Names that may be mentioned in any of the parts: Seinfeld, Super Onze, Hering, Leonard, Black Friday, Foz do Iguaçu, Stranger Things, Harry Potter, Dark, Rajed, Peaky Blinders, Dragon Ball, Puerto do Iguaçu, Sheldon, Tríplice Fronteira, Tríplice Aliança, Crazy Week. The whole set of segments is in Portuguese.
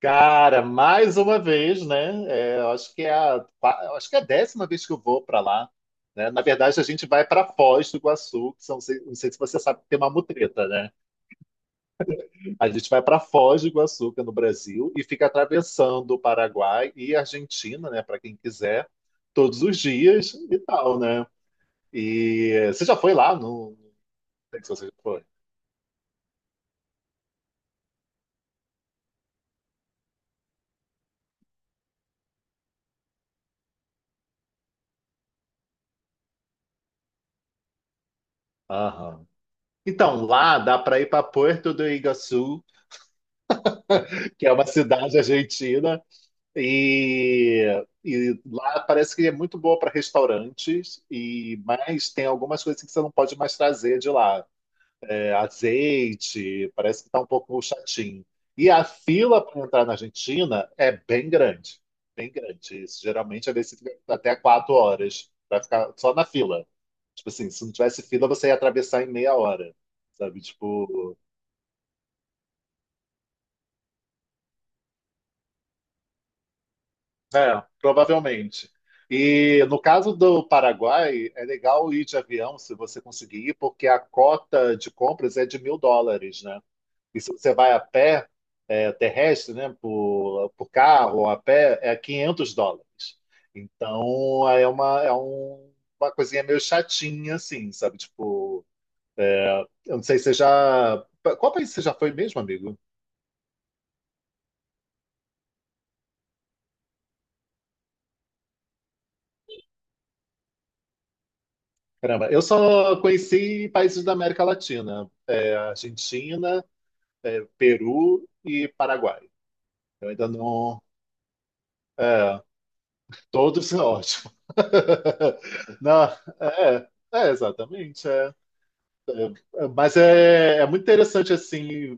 Cara, mais uma vez, né? É, eu acho que é a 10ª vez que eu vou para lá, né? Na verdade, a gente vai para Foz do Iguaçu, não sei se você sabe que tem uma mutreta, né? A gente vai para Foz do Iguaçu, que é no Brasil, e fica atravessando o Paraguai e a Argentina, né? Para quem quiser, todos os dias e tal, né? E você já foi lá? Não, não sei se você já foi. Aham. Então, lá dá para ir para Puerto do Iguaçu, que é uma cidade argentina. E lá parece que é muito boa para restaurantes, e mas tem algumas coisas que você não pode mais trazer de lá. É, azeite, parece que está um pouco chatinho. E a fila para entrar na Argentina é bem grande, bem grande. Isso, geralmente às vezes você fica até 4 horas para ficar só na fila. Tipo assim, se não tivesse fila, você ia atravessar em meia hora, sabe? Tipo, é, provavelmente. E no caso do Paraguai, é legal ir de avião se você conseguir ir, porque a cota de compras é de 1.000 dólares, né? E se você vai a pé, é, terrestre, né, por carro ou a pé, é 500 dólares. Então, é uma coisinha meio chatinha, assim, sabe? Tipo, eu não sei se você já. Qual país você já foi mesmo, amigo? Caramba, eu só conheci países da América Latina. Argentina. Peru e Paraguai. Eu ainda não. é, todos são ótimos. Não, é, exatamente. É. Mas é muito interessante assim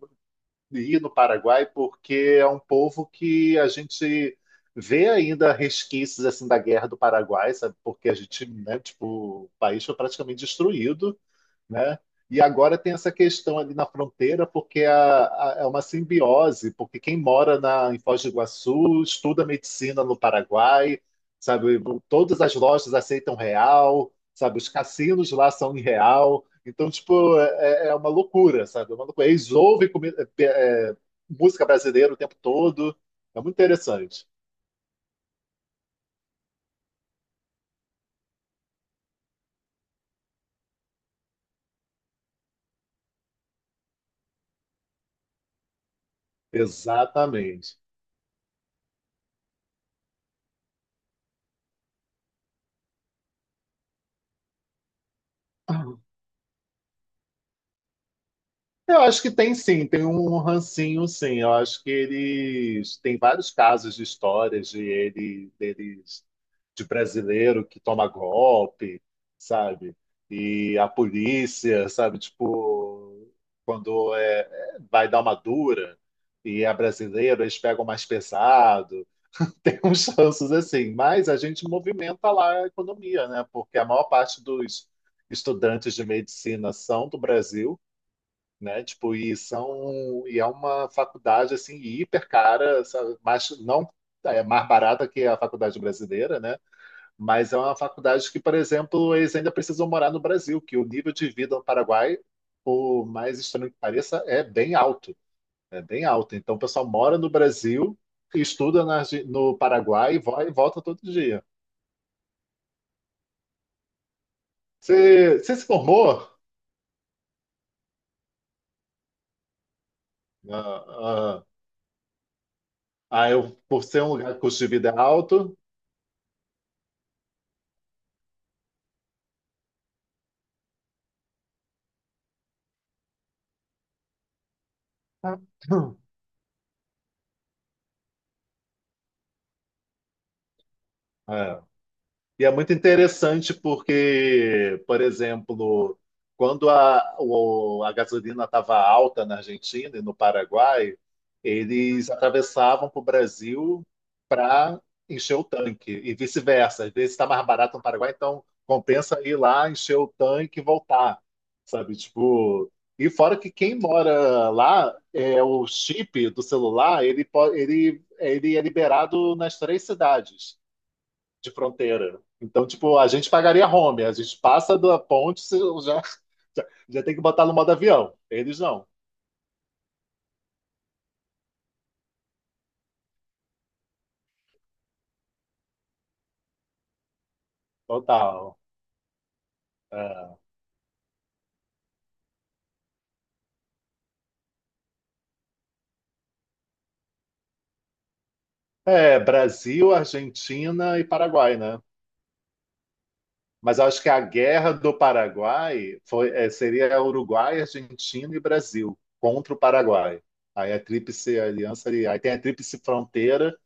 ir no Paraguai, porque é um povo que a gente vê ainda resquícios assim da guerra do Paraguai, sabe? Porque a gente, né, tipo, o país foi praticamente destruído, né? E agora tem essa questão ali na fronteira, porque é uma simbiose, porque quem mora em Foz do Iguaçu estuda medicina no Paraguai, sabe? Todas as lojas aceitam real, sabe? Os cassinos lá são em real. Então, tipo, é uma loucura, sabe? É uma loucura. Eles ouvem é, é, música brasileira o tempo todo. É muito interessante. Exatamente. Eu acho que tem sim, tem um rancinho sim. Eu acho que eles tem vários casos de histórias deles, de brasileiro que toma golpe, sabe? E a polícia, sabe? Tipo, quando vai dar uma dura e é brasileiro, eles pegam mais pesado. Tem uns chances assim, mas a gente movimenta lá a economia, né? Porque a maior parte dos estudantes de medicina são do Brasil, né? Tipo, e é uma faculdade assim hiper cara, sabe? Mas não é mais barata que a faculdade brasileira, né? Mas é uma faculdade que, por exemplo, eles ainda precisam morar no Brasil, que o nível de vida no Paraguai, por mais estranho que pareça, é bem alto, é bem alto. Então, o pessoal mora no Brasil, estuda no Paraguai e e volta todo dia. Você se formou? Ah, ah, ah, por ser um lugar que o custo de vida é alto. Ah. É. E é muito interessante porque, por exemplo, quando a gasolina estava alta na Argentina e no Paraguai, eles atravessavam para o Brasil para encher o tanque e vice-versa. Às vezes está mais barato no Paraguai, então compensa ir lá, encher o tanque e voltar, sabe? Tipo, e fora que quem mora lá, é o chip do celular, ele é liberado nas três cidades de fronteira. Então, tipo, a gente pagaria home, a gente passa da ponte, já, já tem que botar no modo avião. Eles não, total. É, É, Brasil, Argentina e Paraguai, né? Mas eu acho que a guerra do Paraguai seria Uruguai, Argentina e Brasil contra o Paraguai. Aí tem a Tríplice Fronteira,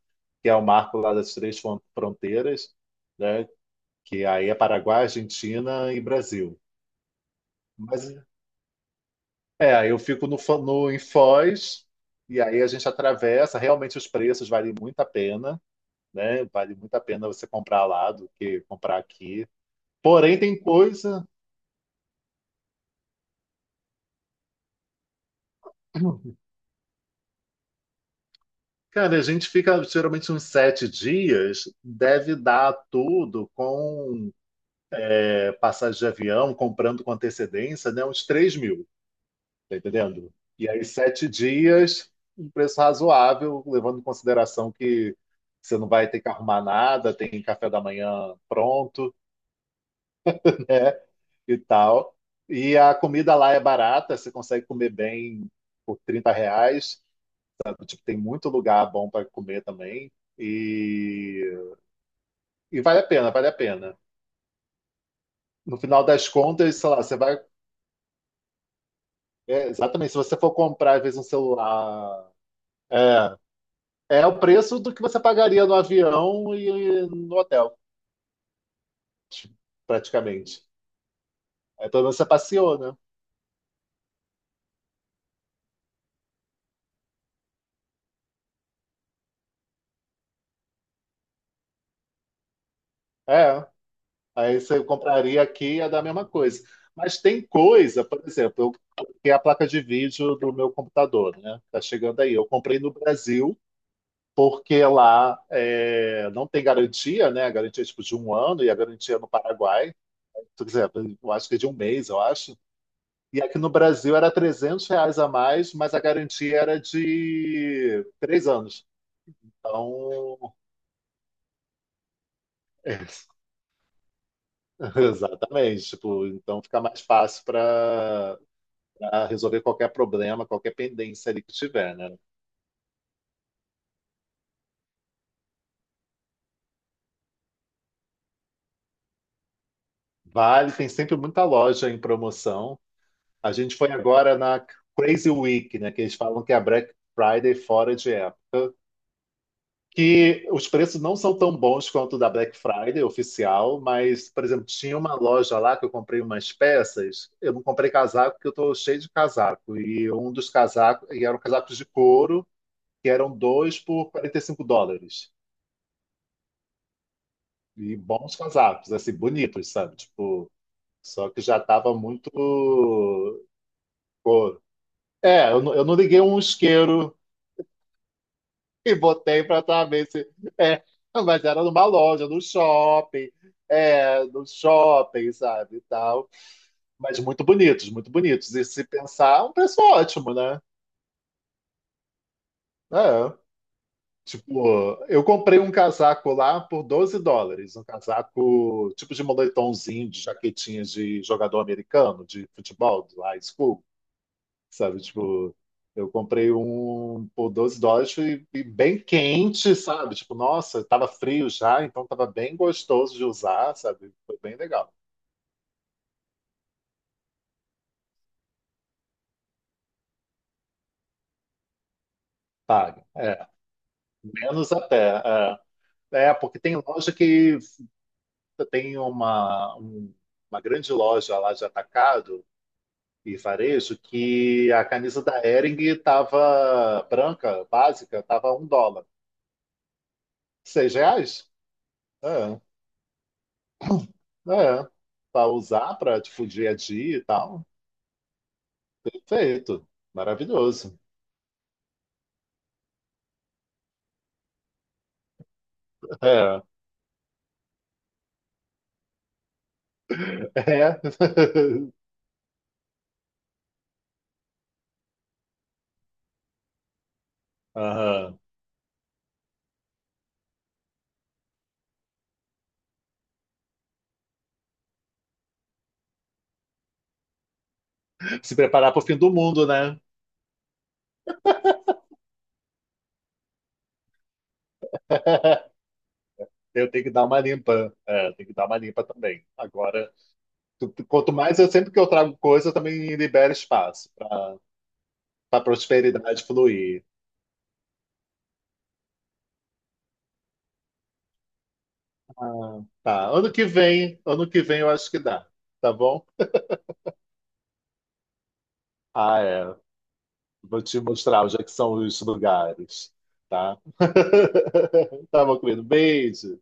que é o marco lá das três fronteiras, né? Que aí é Paraguai, Argentina e Brasil. Mas é, aí eu fico no, em Foz, e aí a gente atravessa. Realmente os preços valem muito a pena, né? Vale muito a pena você comprar lá do que comprar aqui. Porém, tem coisa. Cara, a gente fica geralmente uns 7 dias, deve dar tudo com passagem de avião, comprando com antecedência, né? Uns 3 mil. Tá entendendo? E aí, 7 dias, um preço razoável, levando em consideração que você não vai ter que arrumar nada, tem café da manhã pronto e tal. E a comida lá é barata, você consegue comer bem por 30 reais, sabe? Tipo, tem muito lugar bom para comer também. E, e vale a pena, vale a pena. No final das contas, sei lá, você vai. É, exatamente, se você for comprar, às vezes, um celular. é, É o preço do que você pagaria no avião e no hotel, praticamente. Aí pelo menos você passeou, né? É. Aí você compraria aqui e ia dar a mesma coisa. Mas tem coisa, por exemplo, eu coloquei a placa de vídeo do meu computador, né? Tá chegando aí. Eu comprei no Brasil, porque lá não tem garantia, né? A garantia é tipo de um ano, e a garantia no Paraguai, por exemplo, eu acho que é de um mês, eu acho. E aqui no Brasil era 300 reais a mais, mas a garantia era de 3 anos. Então, exatamente. Tipo, então fica mais fácil para resolver qualquer problema, qualquer pendência ali que tiver, né? Vale, tem sempre muita loja em promoção. A gente foi agora na Crazy Week, né? Que eles falam que é a Black Friday fora de época. Que os preços não são tão bons quanto o da Black Friday oficial, mas, por exemplo, tinha uma loja lá que eu comprei umas peças. Eu não comprei casaco porque eu estou cheio de casaco. E um dos casacos, e eram casacos de couro, que eram dois por 45 dólares. E bons casacos, assim, bonitos, sabe? Tipo, só que já estava muito couro. É, eu não liguei um isqueiro. E botei pra atravessar. É, mas era numa loja, no shopping. É, no shopping, sabe? E tal. Mas muito bonitos, muito bonitos. E se pensar, é um preço ótimo, né? É. Tipo, eu comprei um casaco lá por 12 dólares. Um casaco tipo de moletomzinho, de jaquetinha de jogador americano, de futebol, de high school, sabe? Tipo, eu comprei um por 12 dólares e bem quente, sabe? Tipo, nossa, tava frio já, então tava bem gostoso de usar, sabe? Foi bem legal. Paga. É, menos até. É porque tem loja que tem uma grande loja lá de atacado e varejo, que a camisa da Hering tava branca, básica, tava 1 dólar. 6 reais? É, é. Para usar para, tipo, dia a dia e tal. Feito. Maravilhoso. É. É. Aham. Se preparar para o fim do mundo, né? Eu tenho que dar uma limpa. É, tem que dar uma limpa também. Agora, tu- tu- quanto mais eu sempre que eu trago coisa, eu também libero espaço para a prosperidade fluir. Ah, tá. Ano que vem eu acho que dá, tá bom? Ah, é. Vou te mostrar onde é que são os lugares, tá? Tá bom, querido. Beijo.